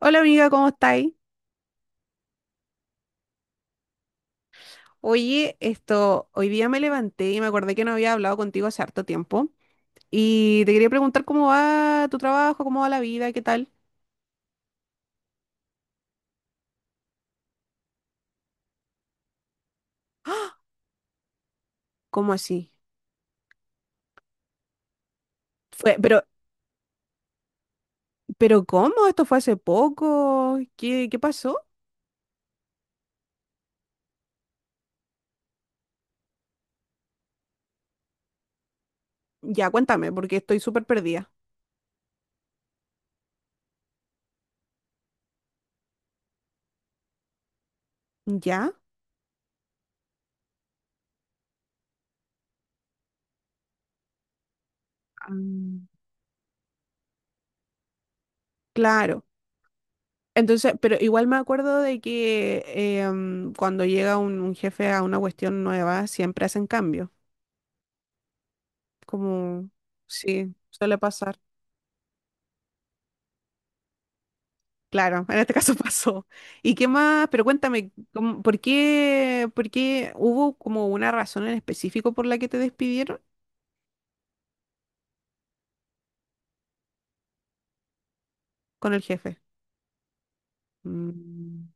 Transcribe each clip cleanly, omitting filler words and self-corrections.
Hola amiga, ¿cómo estáis? Oye, esto, hoy día me levanté y me acordé que no había hablado contigo hace harto tiempo y te quería preguntar cómo va tu trabajo, cómo va la vida, qué tal. ¡Ah! ¿Cómo así? Fue, pero ¿cómo? ¿Esto fue hace poco? ¿Qué pasó? Ya, cuéntame, porque estoy súper perdida. ¿Ya? Mm. Claro. Entonces, pero igual me acuerdo de que cuando llega un jefe a una cuestión nueva, siempre hacen cambio. Como, sí, suele pasar. Claro, en este caso pasó. ¿Y qué más? Pero cuéntame, ¿cómo- por qué hubo como una razón en específico por la que te despidieron con el jefe? Mm.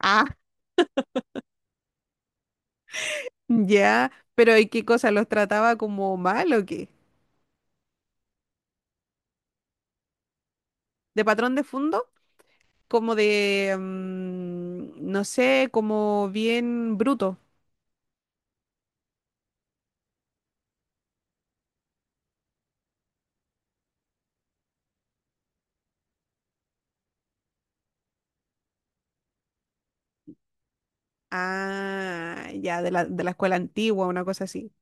Ah, ya. Pero ¿y qué cosa? ¿Los trataba como mal o qué? ¿De patrón de fondo? Como de, no sé, como bien bruto. Ah, ya, de la escuela antigua, una cosa así.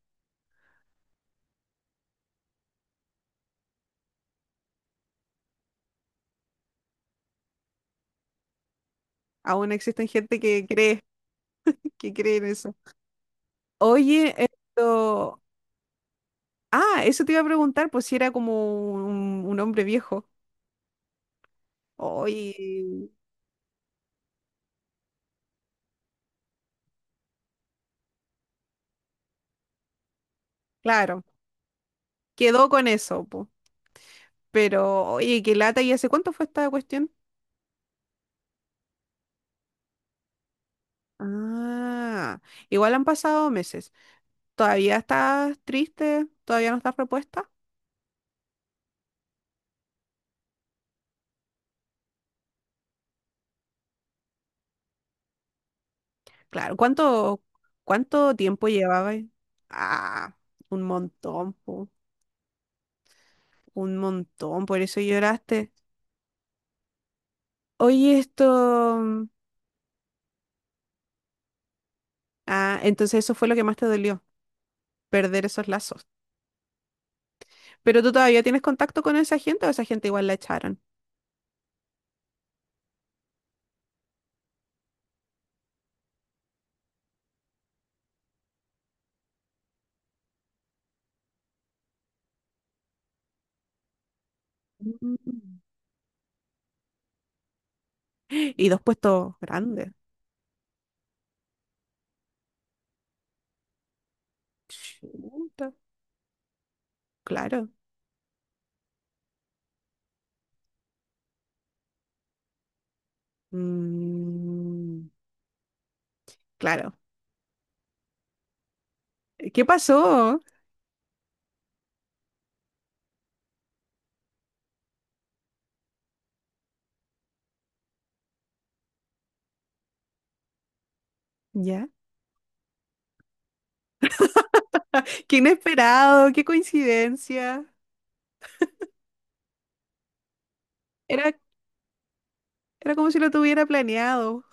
Aún existen gente que cree, que cree en eso. Oye, esto... Ah, eso te iba a preguntar, pues si era como un hombre viejo. Oye, claro, quedó con eso, po. Pero, oye, qué lata, ¿y hace cuánto fue esta cuestión? Ah, igual han pasado meses. ¿Todavía estás triste? ¿Todavía no estás repuesta? Claro, ¿cuánto tiempo llevabas? Ah, un montón, po, un montón, por eso lloraste. Oye, esto... Ah, entonces eso fue lo que más te dolió, perder esos lazos. Pero tú todavía tienes contacto con esa gente o esa gente igual la echaron. Mm. Y dos puestos grandes. Chuta, claro. Mm, claro. ¿Qué pasó? ¿Ya? Qué inesperado, qué coincidencia. Era, era como si lo tuviera planeado.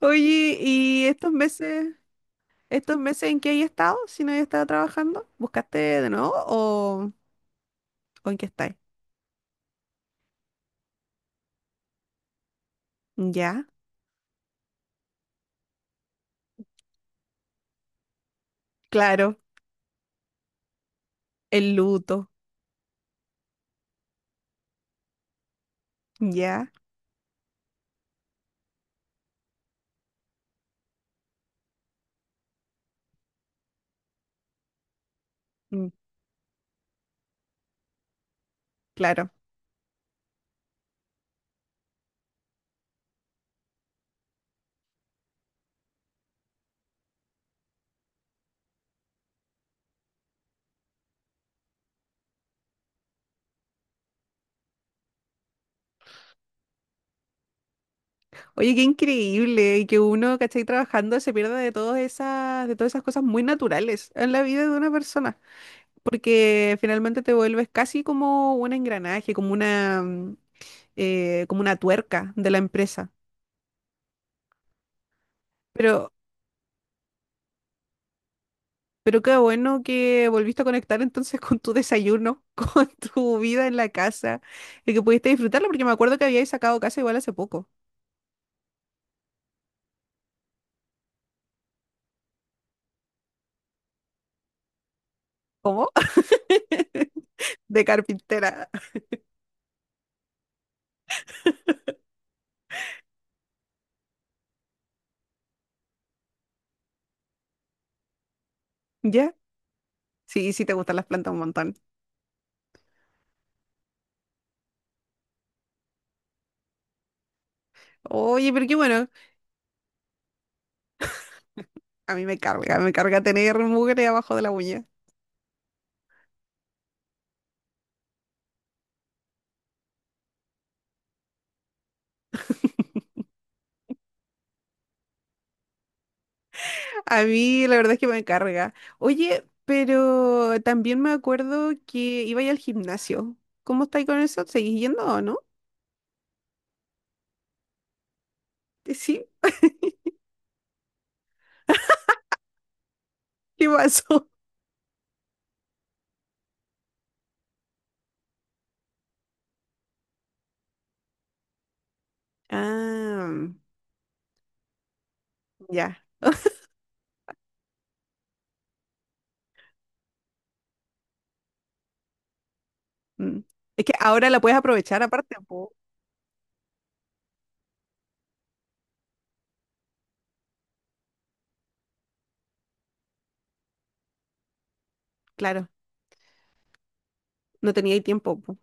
Oye, ¿y estos meses en qué hay estado? Si no hay estado trabajando, ¿buscaste de nuevo o en qué estáis? ¿Ya? Claro. El luto. ¿Ya? Mm, claro. Oye, qué increíble y que uno, ¿cachai? Trabajando se pierda de todas esas cosas muy naturales en la vida de una persona, porque finalmente te vuelves casi como un engranaje, como una, como una tuerca de la empresa. Pero, pero qué bueno que volviste a conectar entonces con tu desayuno, con tu vida en la casa y que pudiste disfrutarla, porque me acuerdo que habíais sacado casa igual hace poco. ¿Cómo? De carpintera. ¿Ya? Sí, sí, te gustan las plantas un montón. Oye, pero qué bueno. A mí me carga tener mugre abajo de la uña. A mí la verdad es que me carga. Oye, pero también me acuerdo que iba a al gimnasio. ¿Cómo estáis con eso? ¿Seguís yendo o no? Sí, ¿qué pasó? Ah, ya. Mm. Es que ahora la puedes aprovechar aparte, po. Claro, no tenía ahí tiempo, po.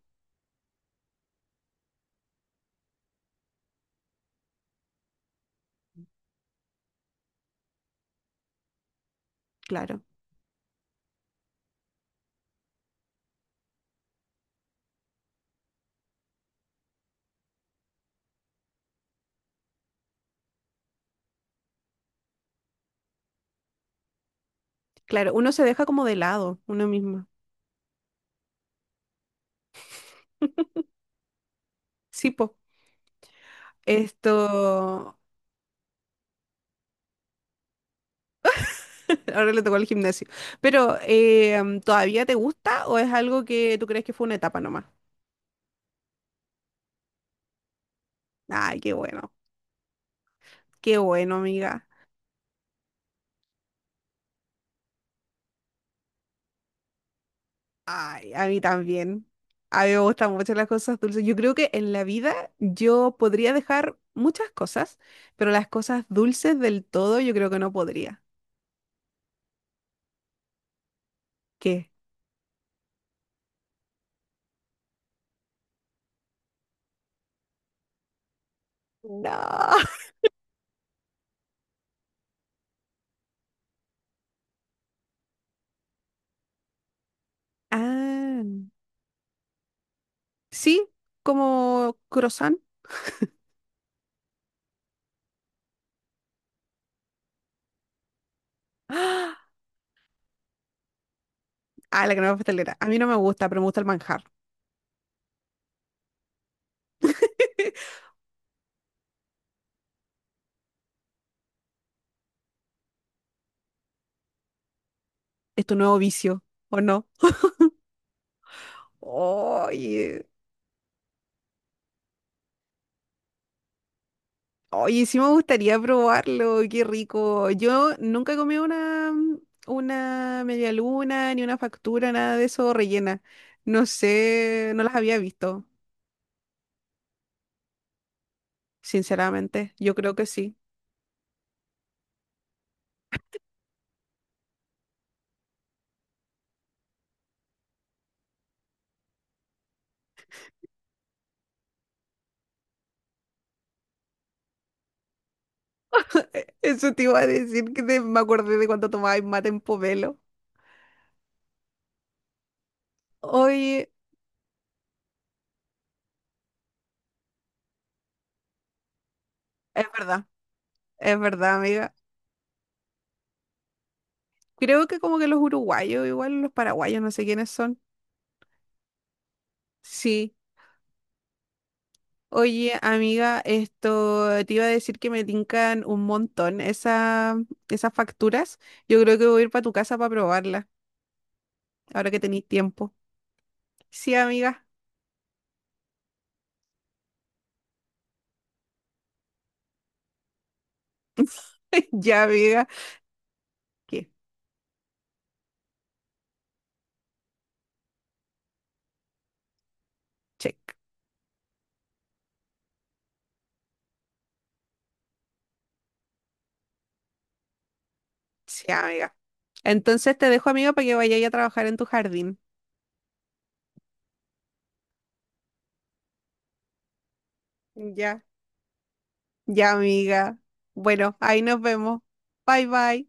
Claro, claro. Uno se deja como de lado, uno mismo. Sí, po. Esto, ahora le tocó el gimnasio. Pero, ¿todavía te gusta o es algo que tú crees que fue una etapa nomás? Ay, qué bueno. Qué bueno, amiga. Ay, a mí también. A mí me gustan mucho las cosas dulces. Yo creo que en la vida yo podría dejar muchas cosas, pero las cosas dulces del todo yo creo que no podría. ¿Qué? No. Ah, sí, como croissant. Ah, ah, la crema pastelera. A mí no me gusta, pero me gusta el manjar. ¿Es tu nuevo vicio o no? Oye, oye, sí me gustaría probarlo, qué rico. Yo nunca he comido una, una media luna, ni una factura, nada de eso rellena. No sé, no las había visto, sinceramente. Yo creo que sí. Eso te iba a decir que te- me acordé de cuando tomabas mate en Pomelo. Oye, es verdad, es verdad, amiga. Creo que como que los uruguayos, igual los paraguayos, no sé quiénes son. Sí. Oye, amiga, esto te iba a decir que me tincan un montón esa, esas facturas. Yo creo que voy a ir para tu casa para probarlas, ahora que tenéis tiempo. Sí, amiga. Ya, amiga. ¿Qué? Check. Sí, amiga. Entonces te dejo, amiga, para que vayáis a trabajar en tu jardín. Ya. Ya, amiga. Bueno, ahí nos vemos. Bye, bye.